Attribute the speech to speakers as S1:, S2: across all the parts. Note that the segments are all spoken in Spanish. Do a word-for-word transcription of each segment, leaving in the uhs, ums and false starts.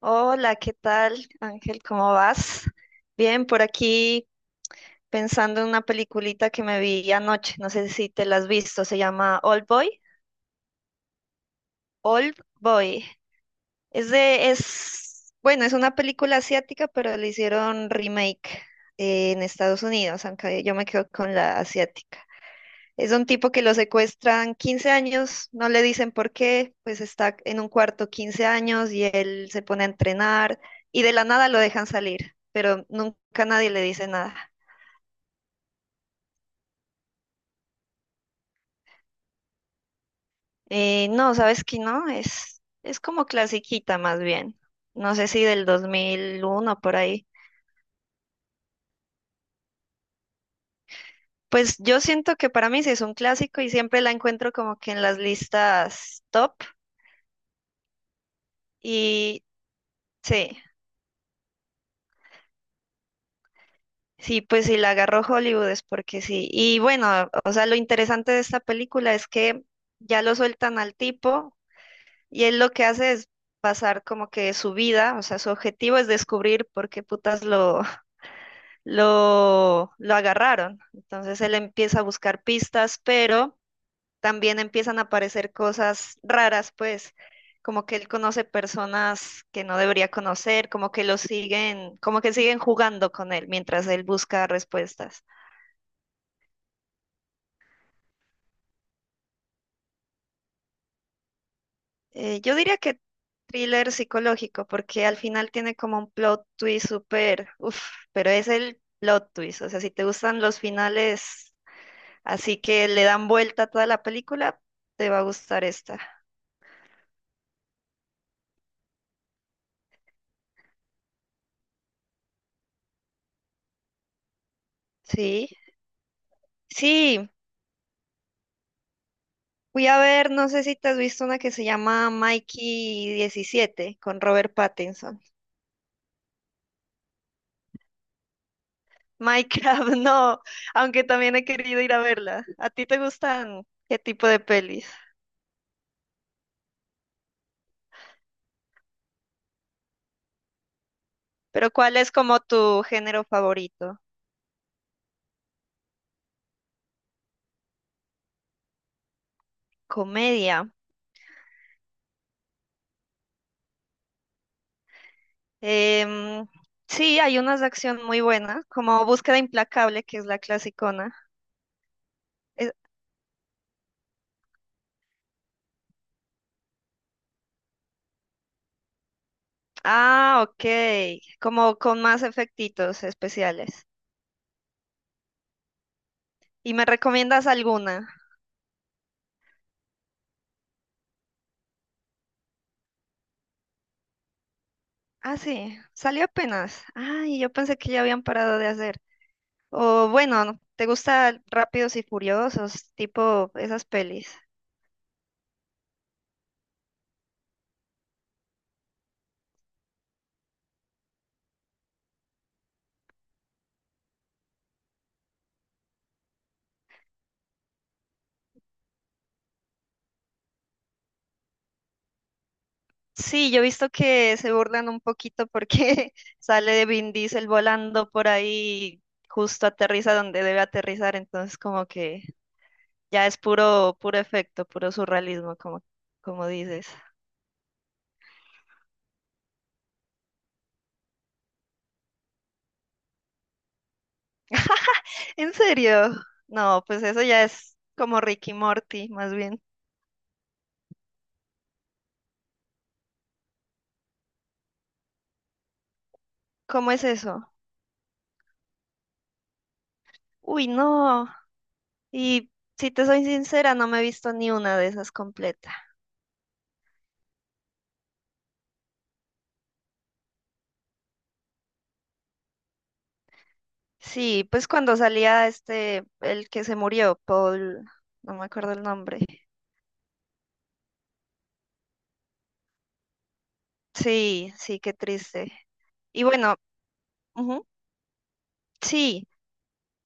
S1: Hola, ¿qué tal, Ángel? ¿Cómo vas? Bien, por aquí pensando en una peliculita que me vi anoche, no sé si te la has visto, se llama Old Boy. Old Boy. Es de, es, bueno, es una película asiática, pero le hicieron remake eh, en Estados Unidos, aunque yo me quedo con la asiática. Es un tipo que lo secuestran quince años, no le dicen por qué, pues está en un cuarto quince años y él se pone a entrenar y de la nada lo dejan salir, pero nunca nadie le dice nada. Eh, no, ¿sabes qué? No, es, es como clasiquita más bien. No sé si del dos mil uno por ahí. Pues yo siento que para mí sí es un clásico y siempre la encuentro como que en las listas top y sí. Sí, pues sí, la agarró Hollywood es porque sí. Y bueno, o sea, lo interesante de esta película es que ya lo sueltan al tipo y él lo que hace es pasar como que su vida, o sea, su objetivo es descubrir por qué putas lo, lo, lo agarraron. Entonces él empieza a buscar pistas, pero también empiezan a aparecer cosas raras, pues, como que él conoce personas que no debería conocer, como que lo siguen, como que siguen jugando con él mientras él busca respuestas. Eh, yo diría que thriller psicológico, porque al final tiene como un plot twist súper, uff, pero es el plot twist. O sea, si te gustan los finales así que le dan vuelta a toda la película, te va a gustar esta. Sí, sí, fui a ver, no sé si te has visto una que se llama Mikey diecisiete con Robert Pattinson. Minecraft, no, aunque también he querido ir a verla. ¿A ti te gustan qué tipo de pelis? Pero ¿cuál es como tu género favorito? Comedia. Em, sí, hay unas de acción muy buenas, como Búsqueda Implacable, que es la clasicona. Es- ah, ok. Como con más efectitos especiales. ¿Y me recomiendas alguna? Ah, sí, salió apenas. Ay, yo pensé que ya habían parado de hacer. O bueno, ¿te gusta Rápidos y Furiosos, tipo esas pelis? Sí, yo he visto que se burlan un poquito porque sale de Vin Diesel volando por ahí, justo aterriza donde debe aterrizar, entonces como que ya es puro, puro efecto, puro surrealismo, como, como, dices. ¿En serio? No, pues eso ya es como Ricky Morty, más bien. ¿Cómo es eso? Uy, no. Y si te soy sincera, no me he visto ni una de esas completa. Sí, pues cuando salía este, el que se murió, Paul, no me acuerdo el nombre. Sí, sí, qué triste. Y bueno, ujú, sí,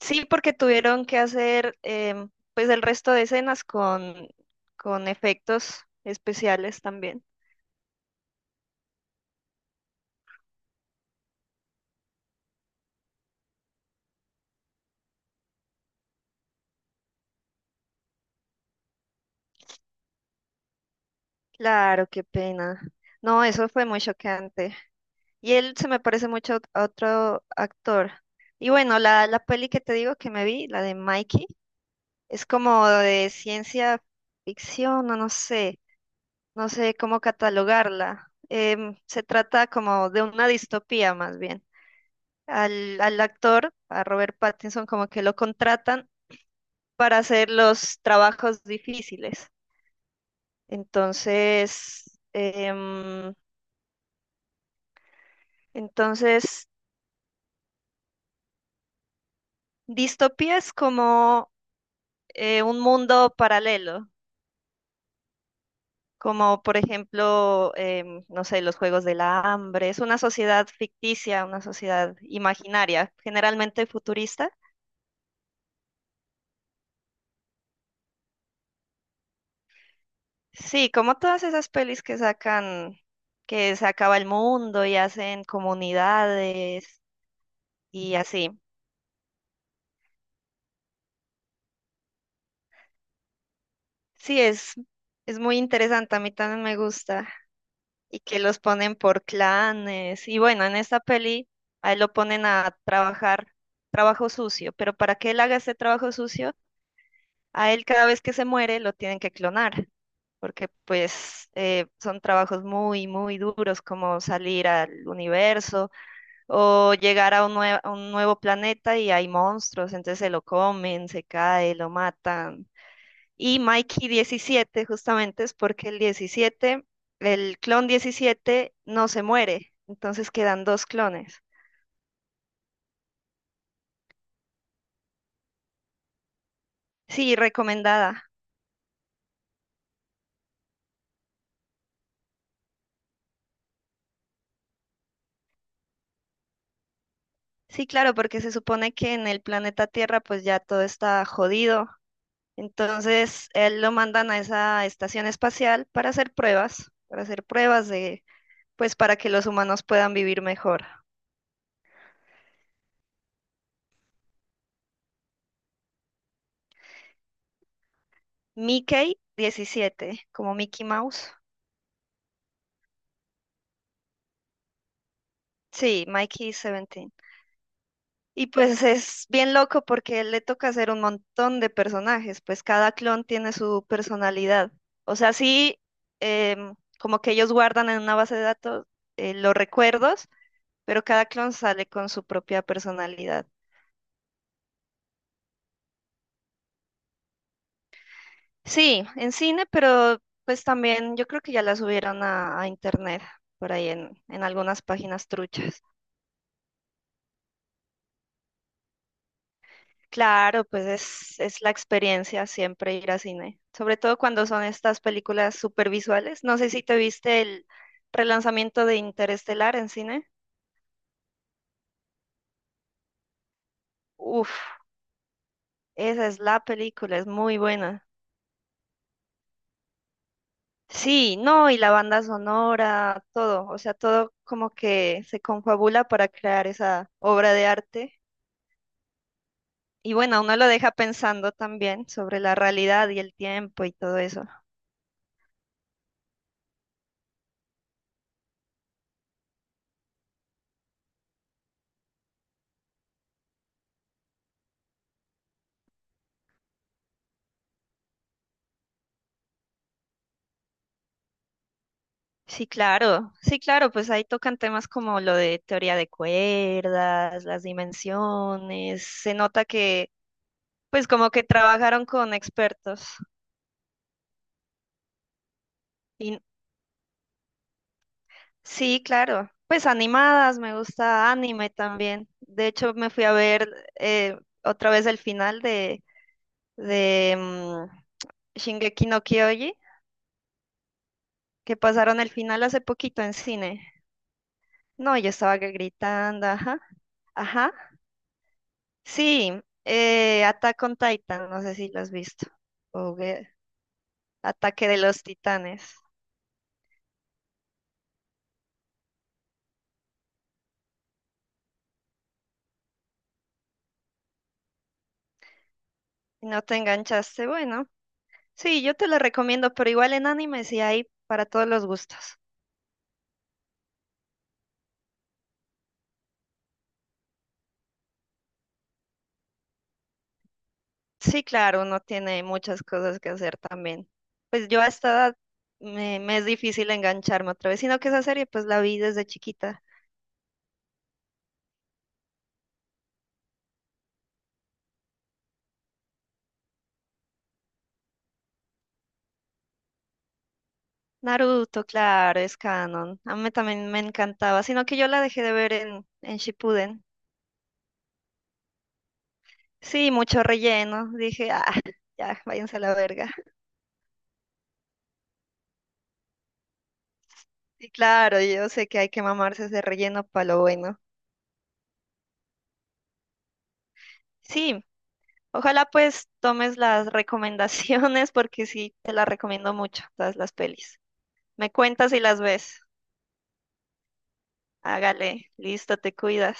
S1: sí, porque tuvieron que hacer em, pues el resto de escenas con, con, efectos especiales también. Claro, qué pena. No, eso fue muy chocante. Y él se me parece mucho a otro actor. Y bueno, la, la peli que te digo que me vi, la de Mikey. Es como de ciencia ficción, o no sé, no sé cómo catalogarla. Em, se trata como de una distopía más bien. Al, al actor, a Robert Pattinson, como que lo contratan para hacer los trabajos difíciles. Entonces, em, entonces, distopía es como eh, un mundo paralelo como por ejemplo, em, no sé, los Juegos del Hambre. Es una sociedad ficticia, una sociedad imaginaria, generalmente futurista. Sí, como todas esas pelis que sacan, que se acaba el mundo y hacen comunidades y así. Sí, es, es muy interesante, a mí también me gusta. Y que los ponen por clanes. Y bueno, en esta peli a él lo ponen a trabajar trabajo sucio, pero para que él haga ese trabajo sucio, a él cada vez que se muere lo tienen que clonar, porque pues eh, son trabajos muy, muy duros como salir al universo o llegar a un, nue- a un nuevo planeta y hay monstruos, entonces se lo comen, se cae, lo matan. Y Mikey diecisiete justamente es porque el diecisiete el clon diecisiete no se muere, entonces quedan dos clones. Sí, recomendada. Sí, claro, porque se supone que en el planeta Tierra pues ya todo está jodido Entonces, él lo mandan a esa estación espacial para hacer pruebas, para hacer pruebas de, pues, para que los humanos puedan vivir mejor. Mickey diecisiete, como Mickey Mouse. Sí, Mikey diecisiete. Y pues es bien loco porque él le toca hacer un montón de personajes, pues cada clon tiene su personalidad. O sea, sí, em, como que ellos guardan en una base de datos eh, los recuerdos, pero cada clon sale con su propia personalidad. Sí, en cine, pero pues también yo creo que ya la subieron a, a, internet, por ahí en, en algunas páginas truchas. Claro, pues es, es la experiencia siempre ir a cine, sobre todo cuando son estas películas supervisuales. No sé si te viste el relanzamiento de Interestelar en cine. Uf, esa es la película, es muy buena. Sí, no, y la banda sonora, todo, o sea, todo como que se confabula para crear esa obra de arte Y bueno, uno lo deja pensando también sobre la realidad y el tiempo y todo eso. Sí, claro, sí, claro, pues ahí tocan temas como lo de teoría de cuerdas, las dimensiones, se nota que pues como que trabajaron con expertos. Y sí, claro, pues animadas, me gusta anime también. De hecho, me fui a ver eh, otra vez el final de, de mm, Shingeki no Kyoji, que pasaron el final hace poquito en cine. No, yo estaba que gritando, ajá, ajá. Sí, eh, Attack on Titan, no sé si lo has visto. O que- Ataque de los Titanes. Si No te enganchaste, bueno. Sí, yo te lo recomiendo, pero igual en anime sí hay para todos los gustos. Sí, claro, uno tiene muchas cosas que hacer también. Pues yo a esta edad me, me, es difícil engancharme otra vez, sino que esa serie pues la vi desde chiquita. Naruto, claro, es canon. A mí también me encantaba, sino que yo la dejé de ver en, en Shippuden. Sí, mucho relleno. Dije, ah, ya, váyanse a la verga. Y claro, yo sé que hay que mamarse ese relleno para lo bueno. Sí, ojalá pues tomes las recomendaciones porque sí, te las recomiendo mucho, todas las pelis. Me cuentas si las ves. Hágale, listo, te cuidas.